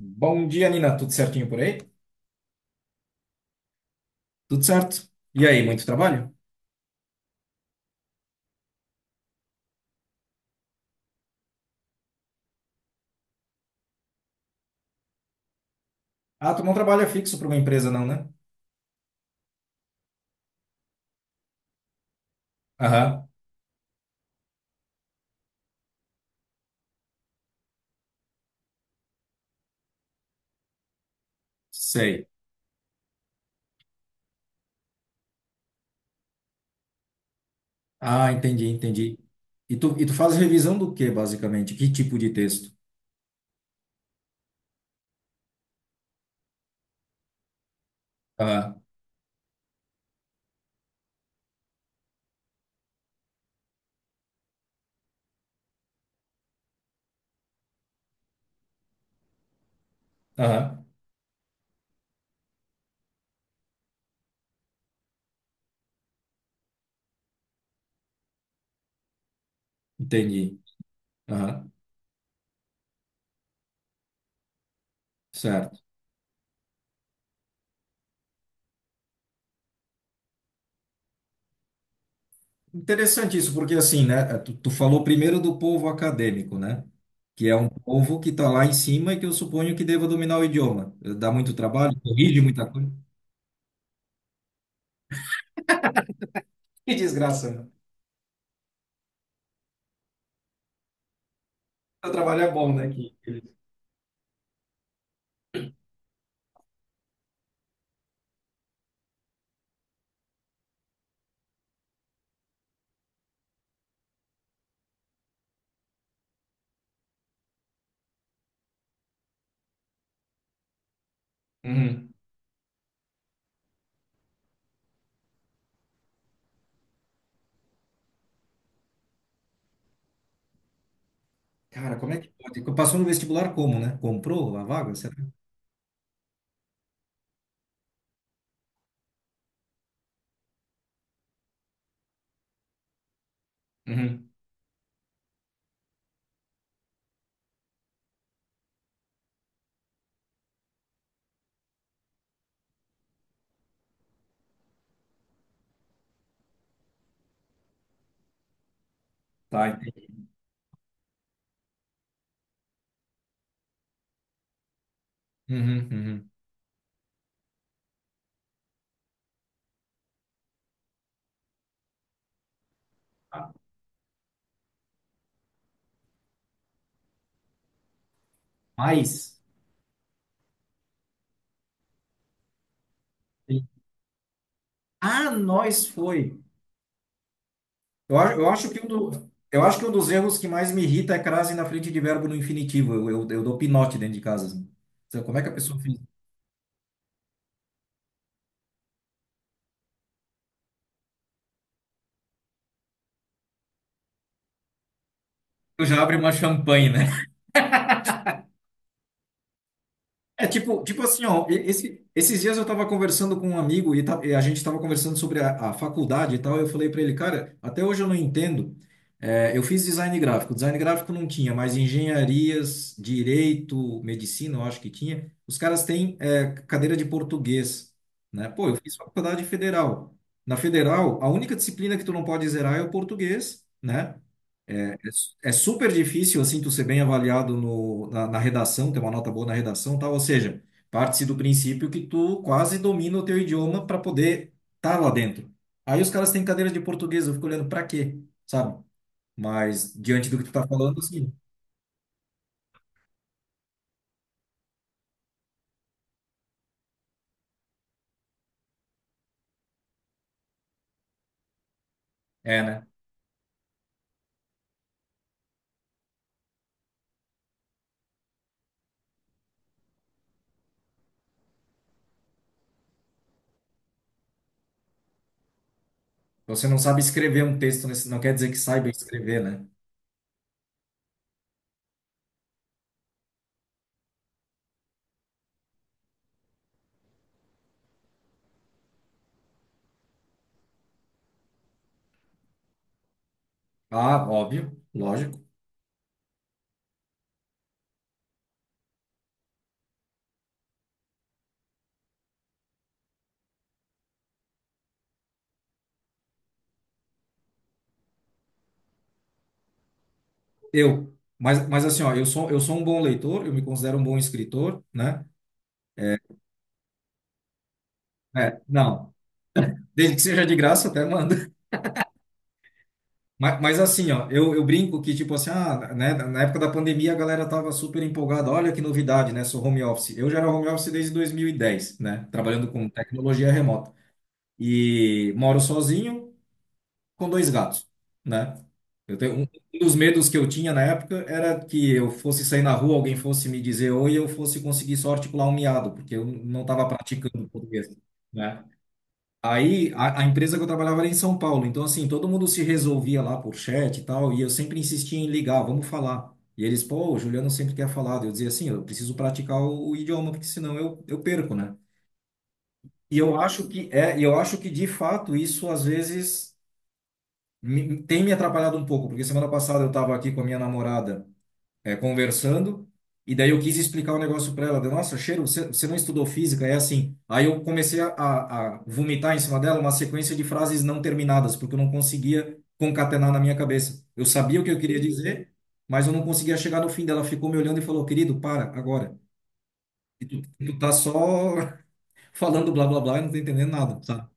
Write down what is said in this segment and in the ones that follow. Bom dia, Nina. Tudo certinho por aí? Tudo certo. E aí, muito trabalho? Ah, tu não trabalha fixo para uma empresa, não, né? Aham, sei. Ah, entendi, entendi. E tu faz revisão do que, basicamente? Que tipo de texto? Ah, aham, entendi. Aham, certo. Interessante isso, porque assim, né? Tu, tu falou primeiro do povo acadêmico, né? Que é um povo que está lá em cima e que eu suponho que deva dominar o idioma. Dá muito trabalho, corrige muita coisa. Que desgraça, né? O trabalho é bom, né? Uhum. Cara, como é que pode? Passou no vestibular como, né? Comprou a vaga? Será? Uhum. Tá, entendi. Uhum, uhum. Mas, ah, nós foi. Eu acho que eu acho que um dos erros que mais me irrita é crase na frente de verbo no infinitivo. Eu dou pinote dentro de casa. Assim. Então, como é que a pessoa fez? Eu já abre uma champanhe, né? É tipo, tipo assim, ó, esses dias eu tava conversando com um amigo e a gente tava conversando sobre a faculdade e tal. Eu falei para ele, cara, até hoje eu não entendo. É, eu fiz design gráfico não tinha, mas engenharias, direito, medicina, eu acho que tinha. Os caras têm cadeira de português, né? Pô, eu fiz faculdade federal. Na federal, a única disciplina que tu não pode zerar é o português, né? É super difícil, assim, tu ser bem avaliado no, na, na redação, ter uma nota boa na redação, tá? Ou seja, parte-se do princípio que tu quase domina o teu idioma para poder estar lá dentro. Aí os caras têm cadeira de português, eu fico olhando pra quê, sabe? Mas diante do que tu tá falando, assim, é, né? Você não sabe escrever um texto, nesse, não quer dizer que saiba escrever, né? Ah, óbvio, lógico. Eu. Mas assim, ó, eu sou um bom leitor, eu me considero um bom escritor, né? É, não. Desde que seja de graça, até mando. Mas assim, ó, eu brinco que, tipo assim, ah, né, na época da pandemia a galera tava super empolgada, olha que novidade, né, sou home office. Eu já era home office desde 2010, né, trabalhando com tecnologia remota. E moro sozinho com dois gatos, né? Eu tenho, um um dos medos que eu tinha na época era que eu fosse sair na rua, alguém fosse me dizer oi, e eu fosse conseguir só articular um miado, porque eu não estava praticando português, né? Aí a empresa que eu trabalhava era em São Paulo, então assim, todo mundo se resolvia lá por chat e tal, e eu sempre insistia em ligar, vamos falar. E eles, pô, o Juliano sempre quer falar. Daí eu dizia assim, eu preciso praticar o idioma, porque senão eu perco, né? E eu acho que de fato isso às vezes tem me atrapalhado um pouco, porque semana passada eu estava aqui com a minha namorada conversando, e daí eu quis explicar o negócio para ela. Deu, nossa, cheiro, você não estudou física? É assim. Aí eu comecei a vomitar em cima dela uma sequência de frases não terminadas, porque eu não conseguia concatenar na minha cabeça. Eu sabia o que eu queria dizer, mas eu não conseguia chegar no fim dela. Ela ficou me olhando e falou, querido, para, agora. E tu tá só falando blá blá blá e não tá entendendo nada, sabe?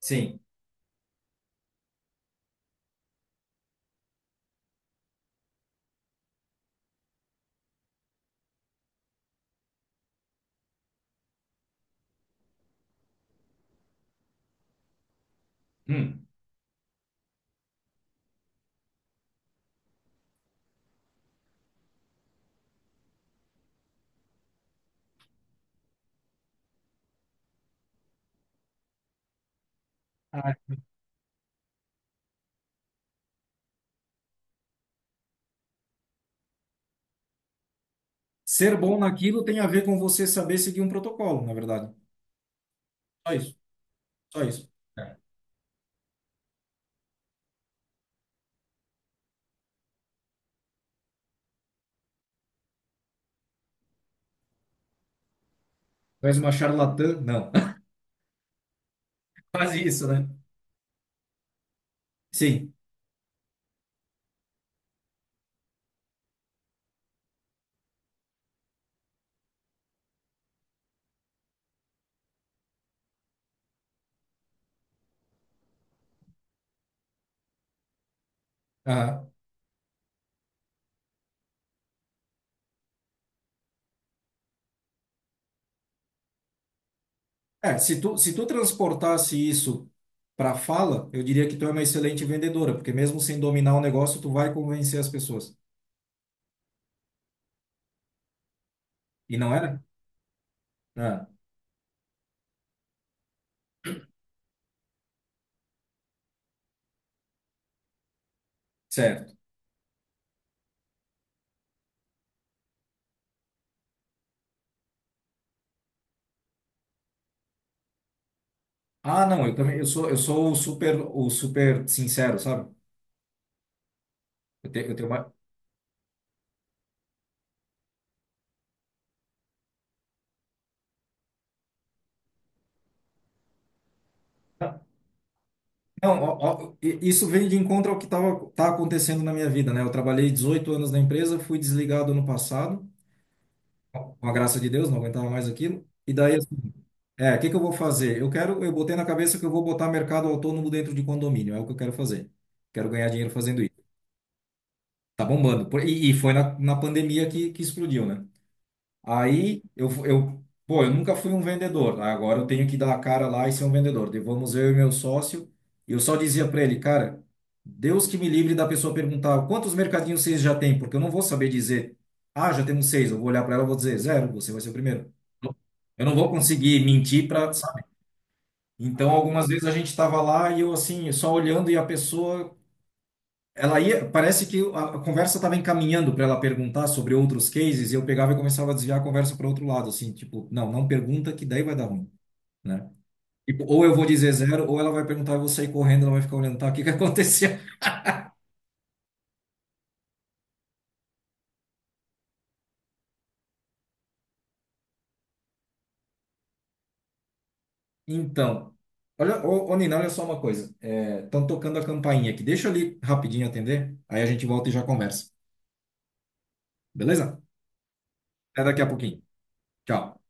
Sim. Hum. Ah, ser bom naquilo tem a ver com você saber seguir um protocolo, na verdade. Só isso, só isso. Faz uma charlatã? Não. Quase isso, né? Sim. Aham. É, se tu transportasse isso para fala, eu diria que tu é uma excelente vendedora, porque mesmo sem dominar o negócio, tu vai convencer as pessoas. E não era? Ah, certo. Ah, não, eu também, eu sou o super sincero, sabe? Eu tenho uma... Não, ó, ó, isso vem de encontro ao tá acontecendo na minha vida, né? Eu trabalhei 18 anos na empresa, fui desligado ano passado, com a graça de Deus, não aguentava mais aquilo. E daí é, o que que eu vou fazer? Eu quero, eu botei na cabeça que eu vou botar mercado autônomo dentro de condomínio, é o que eu quero fazer. Quero ganhar dinheiro fazendo isso. Tá bombando. E foi na pandemia que explodiu, né? Aí eu, pô, eu nunca fui um vendedor. Né? Agora eu tenho que dar a cara lá e ser um vendedor. Daí vamos eu e meu sócio. E eu só dizia para ele, cara, Deus que me livre da pessoa perguntar quantos mercadinhos vocês já têm, porque eu não vou saber dizer, ah, já temos seis. Eu vou olhar para ela e vou dizer zero, você vai ser o primeiro. Eu não vou conseguir mentir para. Então, algumas vezes a gente estava lá e eu assim, só olhando e a pessoa, ela ia, parece que a conversa estava encaminhando para ela perguntar sobre outros cases, e eu pegava e começava a desviar a conversa para outro lado, assim, tipo, não, não pergunta que daí vai dar ruim, né? Tipo, ou eu vou dizer zero, ou ela vai perguntar, eu vou sair correndo, ela vai ficar olhando, tá, o que que aconteceu? Então, olha, ô Nina, olha só uma coisa, estão tocando a campainha aqui, deixa eu ali rapidinho atender, aí a gente volta e já conversa, beleza? Até daqui a pouquinho. Tchau.